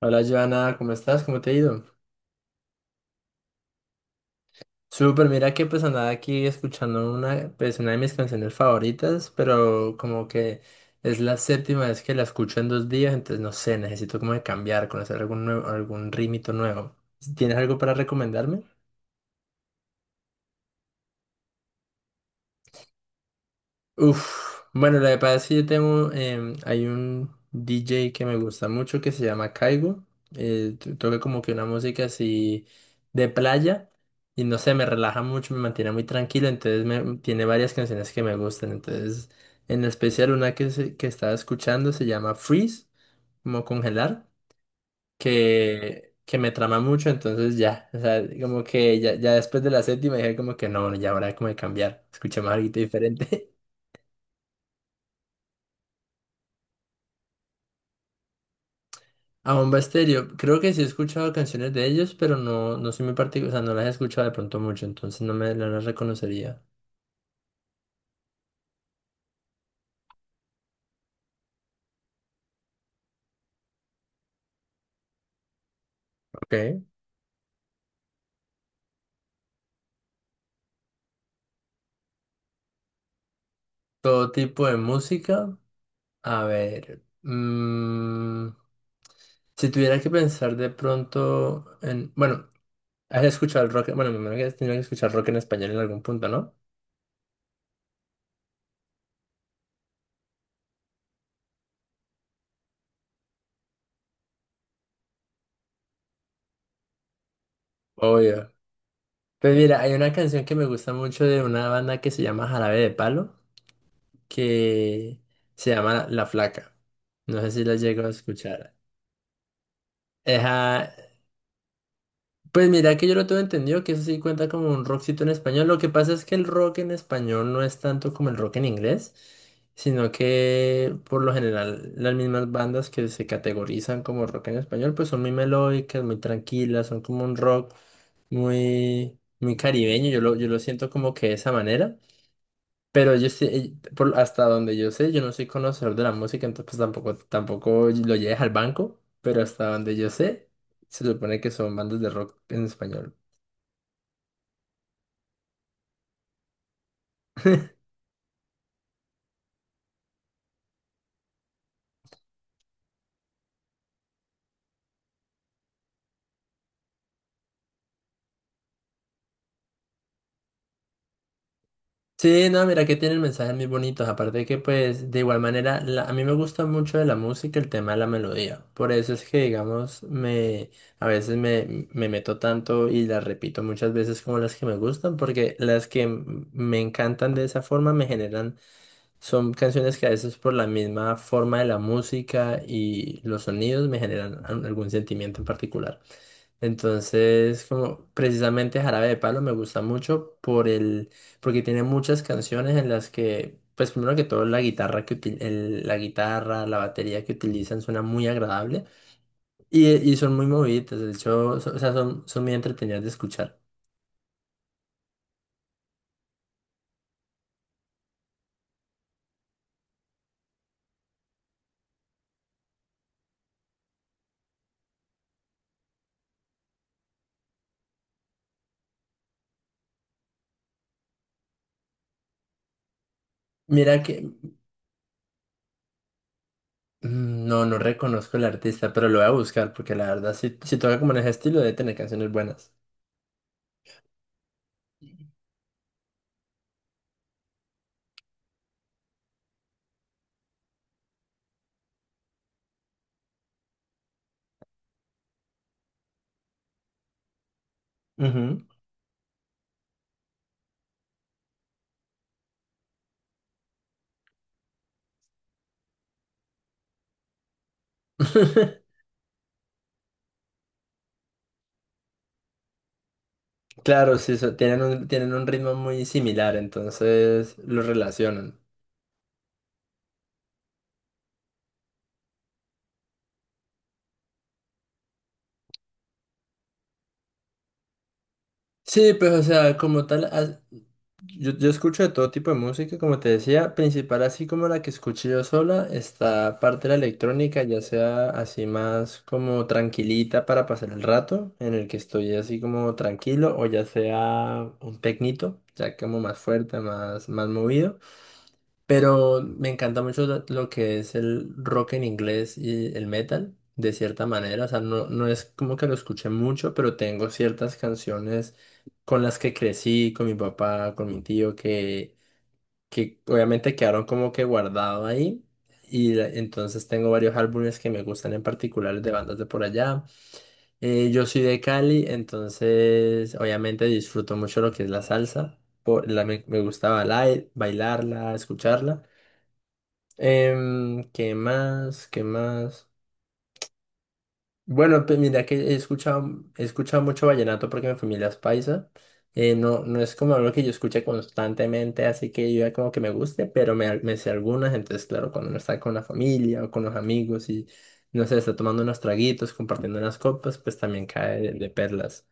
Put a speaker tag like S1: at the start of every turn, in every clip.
S1: Hola, Joana, ¿cómo estás? ¿Cómo te ha ido? Súper, mira que pues andaba aquí escuchando pues, una de mis canciones favoritas, pero como que es la séptima vez que la escucho en 2 días, entonces no sé, necesito como de cambiar, conocer algún nuevo, algún ritmito nuevo. ¿Tienes algo para recomendarme? Uf, bueno, lo que pasa es que hay un DJ que me gusta mucho que se llama Caigo. Toca como que una música así de playa y no sé, me relaja mucho, me mantiene muy tranquilo, entonces tiene varias canciones que me gustan. Entonces, en especial una que estaba escuchando se llama Freeze, como congelar, que me trama mucho, entonces ya, o sea, como que ya después de la séptima dije como que no, bueno, ya habrá como de cambiar, escuché más algo diferente. A Bomba Estéreo, creo que sí he escuchado canciones de ellos, pero no, no soy muy particular, o sea, no las he escuchado de pronto mucho, entonces no las reconocería. Ok. Todo tipo de música, a ver, si tuviera que pensar de pronto en, bueno, has escuchado el rock, bueno, me imagino que has tenido que escuchar rock en español en algún punto, ¿no? Obvio. Pues mira, hay una canción que me gusta mucho de una banda que se llama Jarabe de Palo, que se llama La Flaca. No sé si la llego a escuchar. Ajá. Pues mira que yo lo tengo entendido que eso sí cuenta como un rockcito en español. Lo que pasa es que el rock en español no es tanto como el rock en inglés, sino que por lo general las mismas bandas que se categorizan como rock en español pues son muy melódicas, muy tranquilas, son como un rock muy, muy caribeño. Yo lo siento como que de esa manera. Pero yo sí, hasta donde yo sé, yo no soy conocedor de la música, entonces pues tampoco, tampoco lo lleves al banco, pero hasta donde yo sé, se supone que son bandas de rock en español. Sí, no, mira que tienen mensajes muy bonitos, aparte de que pues de igual manera, a mí me gusta mucho de la música el tema de la melodía, por eso es que digamos, a veces me meto tanto y las repito muchas veces como las que me gustan, porque las que me encantan de esa forma me generan. Son canciones que a veces por la misma forma de la música y los sonidos me generan algún sentimiento en particular. Entonces, como precisamente Jarabe de Palo me gusta mucho por el, porque tiene muchas canciones en las que, pues primero que todo la guitarra la guitarra, la batería que utilizan suena muy agradable y son muy movidas. De hecho, o sea, son muy entretenidas de escuchar. Mira que No, no reconozco el artista, pero lo voy a buscar porque la verdad, si toca como en ese estilo, debe tener canciones buenas. Ujú. Claro, sí, tienen un ritmo muy similar, entonces lo relacionan. Sí, pues o sea, como tal, yo escucho de todo tipo de música, como te decía, principal así como la que escuché yo sola, está parte de la electrónica, ya sea así más como tranquilita para pasar el rato, en el que estoy así como tranquilo, o ya sea un tecnito, ya como más fuerte, más, más movido. Pero me encanta mucho lo que es el rock en inglés y el metal, de cierta manera. O sea, no, no es como que lo escuché mucho, pero tengo ciertas canciones con las que crecí, con mi papá, con mi tío, que obviamente quedaron como que guardado ahí. Y entonces tengo varios álbumes que me gustan en particular de bandas de por allá. Yo soy de Cali, entonces obviamente disfruto mucho lo que es la salsa. Me gusta bailarla, escucharla. ¿Qué más? ¿Qué más? Bueno, pues mira que he escuchado mucho vallenato porque mi familia es paisa. No, no es como algo que yo escuche constantemente, así que yo ya como que me guste, pero me sé algunas. Entonces, claro, cuando uno está con la familia o con los amigos y, no sé, está tomando unos traguitos, compartiendo unas copas, pues también cae de perlas.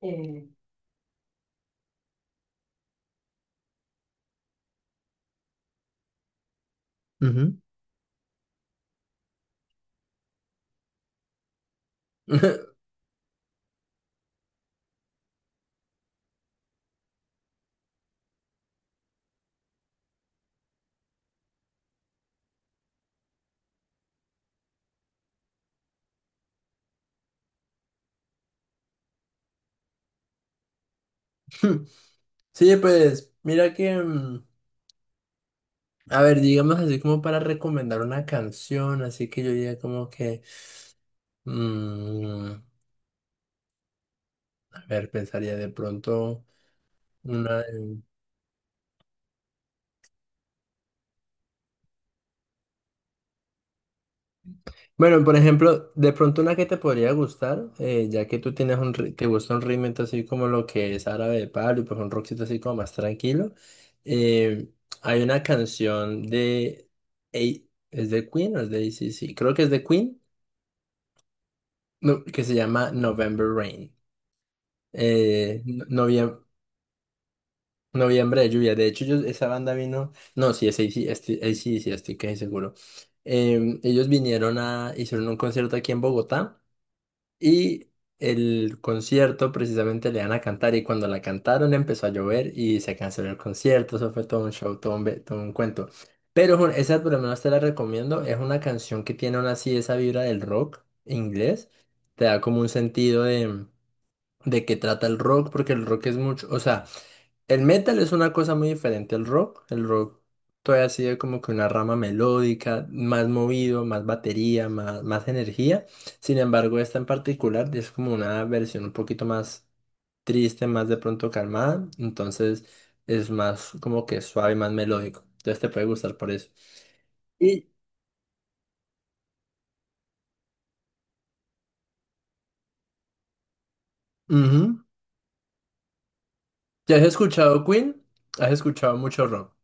S1: Eh, Ujú. Sí, pues mira que, a ver, digamos así como para recomendar una canción, así que yo diría como que... Mm, a ver, pensaría de pronto una... Bueno, por ejemplo, de pronto una que te podría gustar, ya que tú tienes un... ri- te gusta un ritmo así como lo que es Árabe de Palo y pues un rockcito así como más tranquilo. eh, Hay una canción de... A- ¿Es de Queen o es de C C creo que es de Queen, no, que se llama November Rain. Eh, Noviembre de lluvia. De hecho, esa banda vino. No, sí, es A C. AC/DC, ac C. D C, estoy casi seguro. Em, ellos vinieron a. Hicieron un concierto aquí en Bogotá y el concierto precisamente le iban a cantar. Y cuando la cantaron empezó a llover y se canceló el concierto. Eso fue todo un show, todo un, todo un cuento. Pero Jun, esa por lo menos te la recomiendo. Es una canción que tiene aún así esa vibra del rock inglés. Te da como un sentido de qué trata el rock, porque el rock es mucho. O sea, el metal es una cosa muy diferente al rock. El rock todavía sigue como que una rama melódica, más movido, más batería, más, más energía. Sin embargo, esta en particular es como una versión un poquito más triste, más de pronto calmada. Entonces es más como que suave, más melódico. Entonces te puede gustar por eso. Y, Ujú. ¿Ya has escuchado Queen? ¿Has escuchado mucho rock?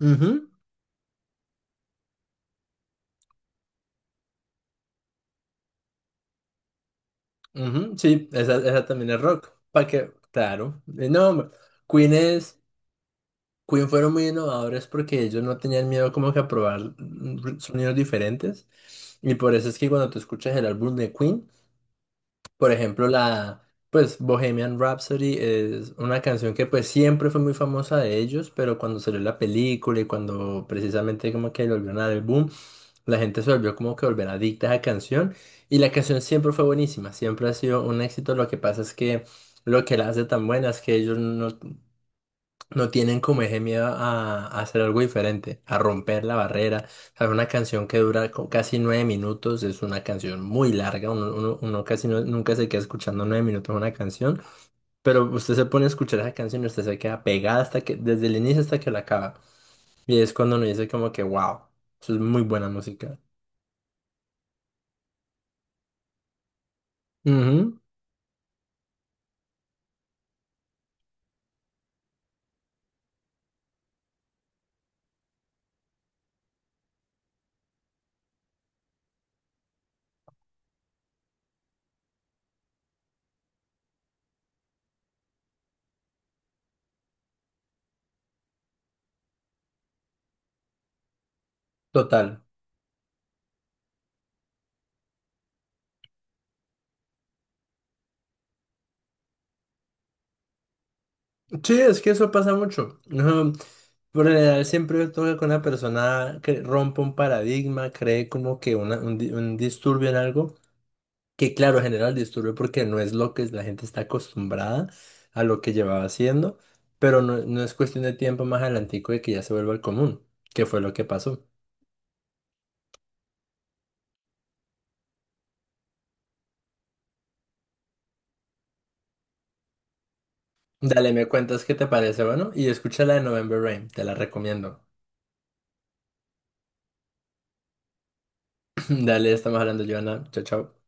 S1: Ujú, ujú, sí, esa también es rock. ¿Para qué? Claro. No, hombre, Queen es... Queen fueron muy innovadores porque ellos no tenían miedo como que a probar sonidos diferentes. Y por eso es que cuando tú escuchas el álbum de Queen, por ejemplo, la pues Bohemian Rhapsody es una canción que pues siempre fue muy famosa de ellos, pero cuando salió la película y cuando precisamente como que le volvieron a dar el boom, la gente se volvió como que volver adicta a esa canción y la canción siempre fue buenísima, siempre ha sido un éxito. Lo que pasa es que lo que la hace tan buena es que ellos no tienen como ese miedo a hacer algo diferente, a romper la barrera. ¿Sabes? Una canción que dura casi 9 minutos es una canción muy larga. Uno casi nunca se queda escuchando 9 minutos una canción, pero usted se pone a escuchar esa canción y usted se queda pegada hasta que, desde el inicio hasta que la acaba. Y es cuando uno dice como que, wow, eso es muy buena música. Ujú, total. Sí, es que eso pasa mucho. Ujú. Por lo general, siempre toca con una persona que rompe un paradigma, cree como que un disturbio en algo, que claro, genera el disturbio porque no es lo que la gente está acostumbrada a lo que llevaba haciendo, pero no, no es cuestión de tiempo más adelantico de que ya se vuelva el común, que fue lo que pasó. Dale, me cuentas qué te parece, bueno, y escucha la de November Rain, te la recomiendo. Dale, estamos hablando, Joana. Chao, chao.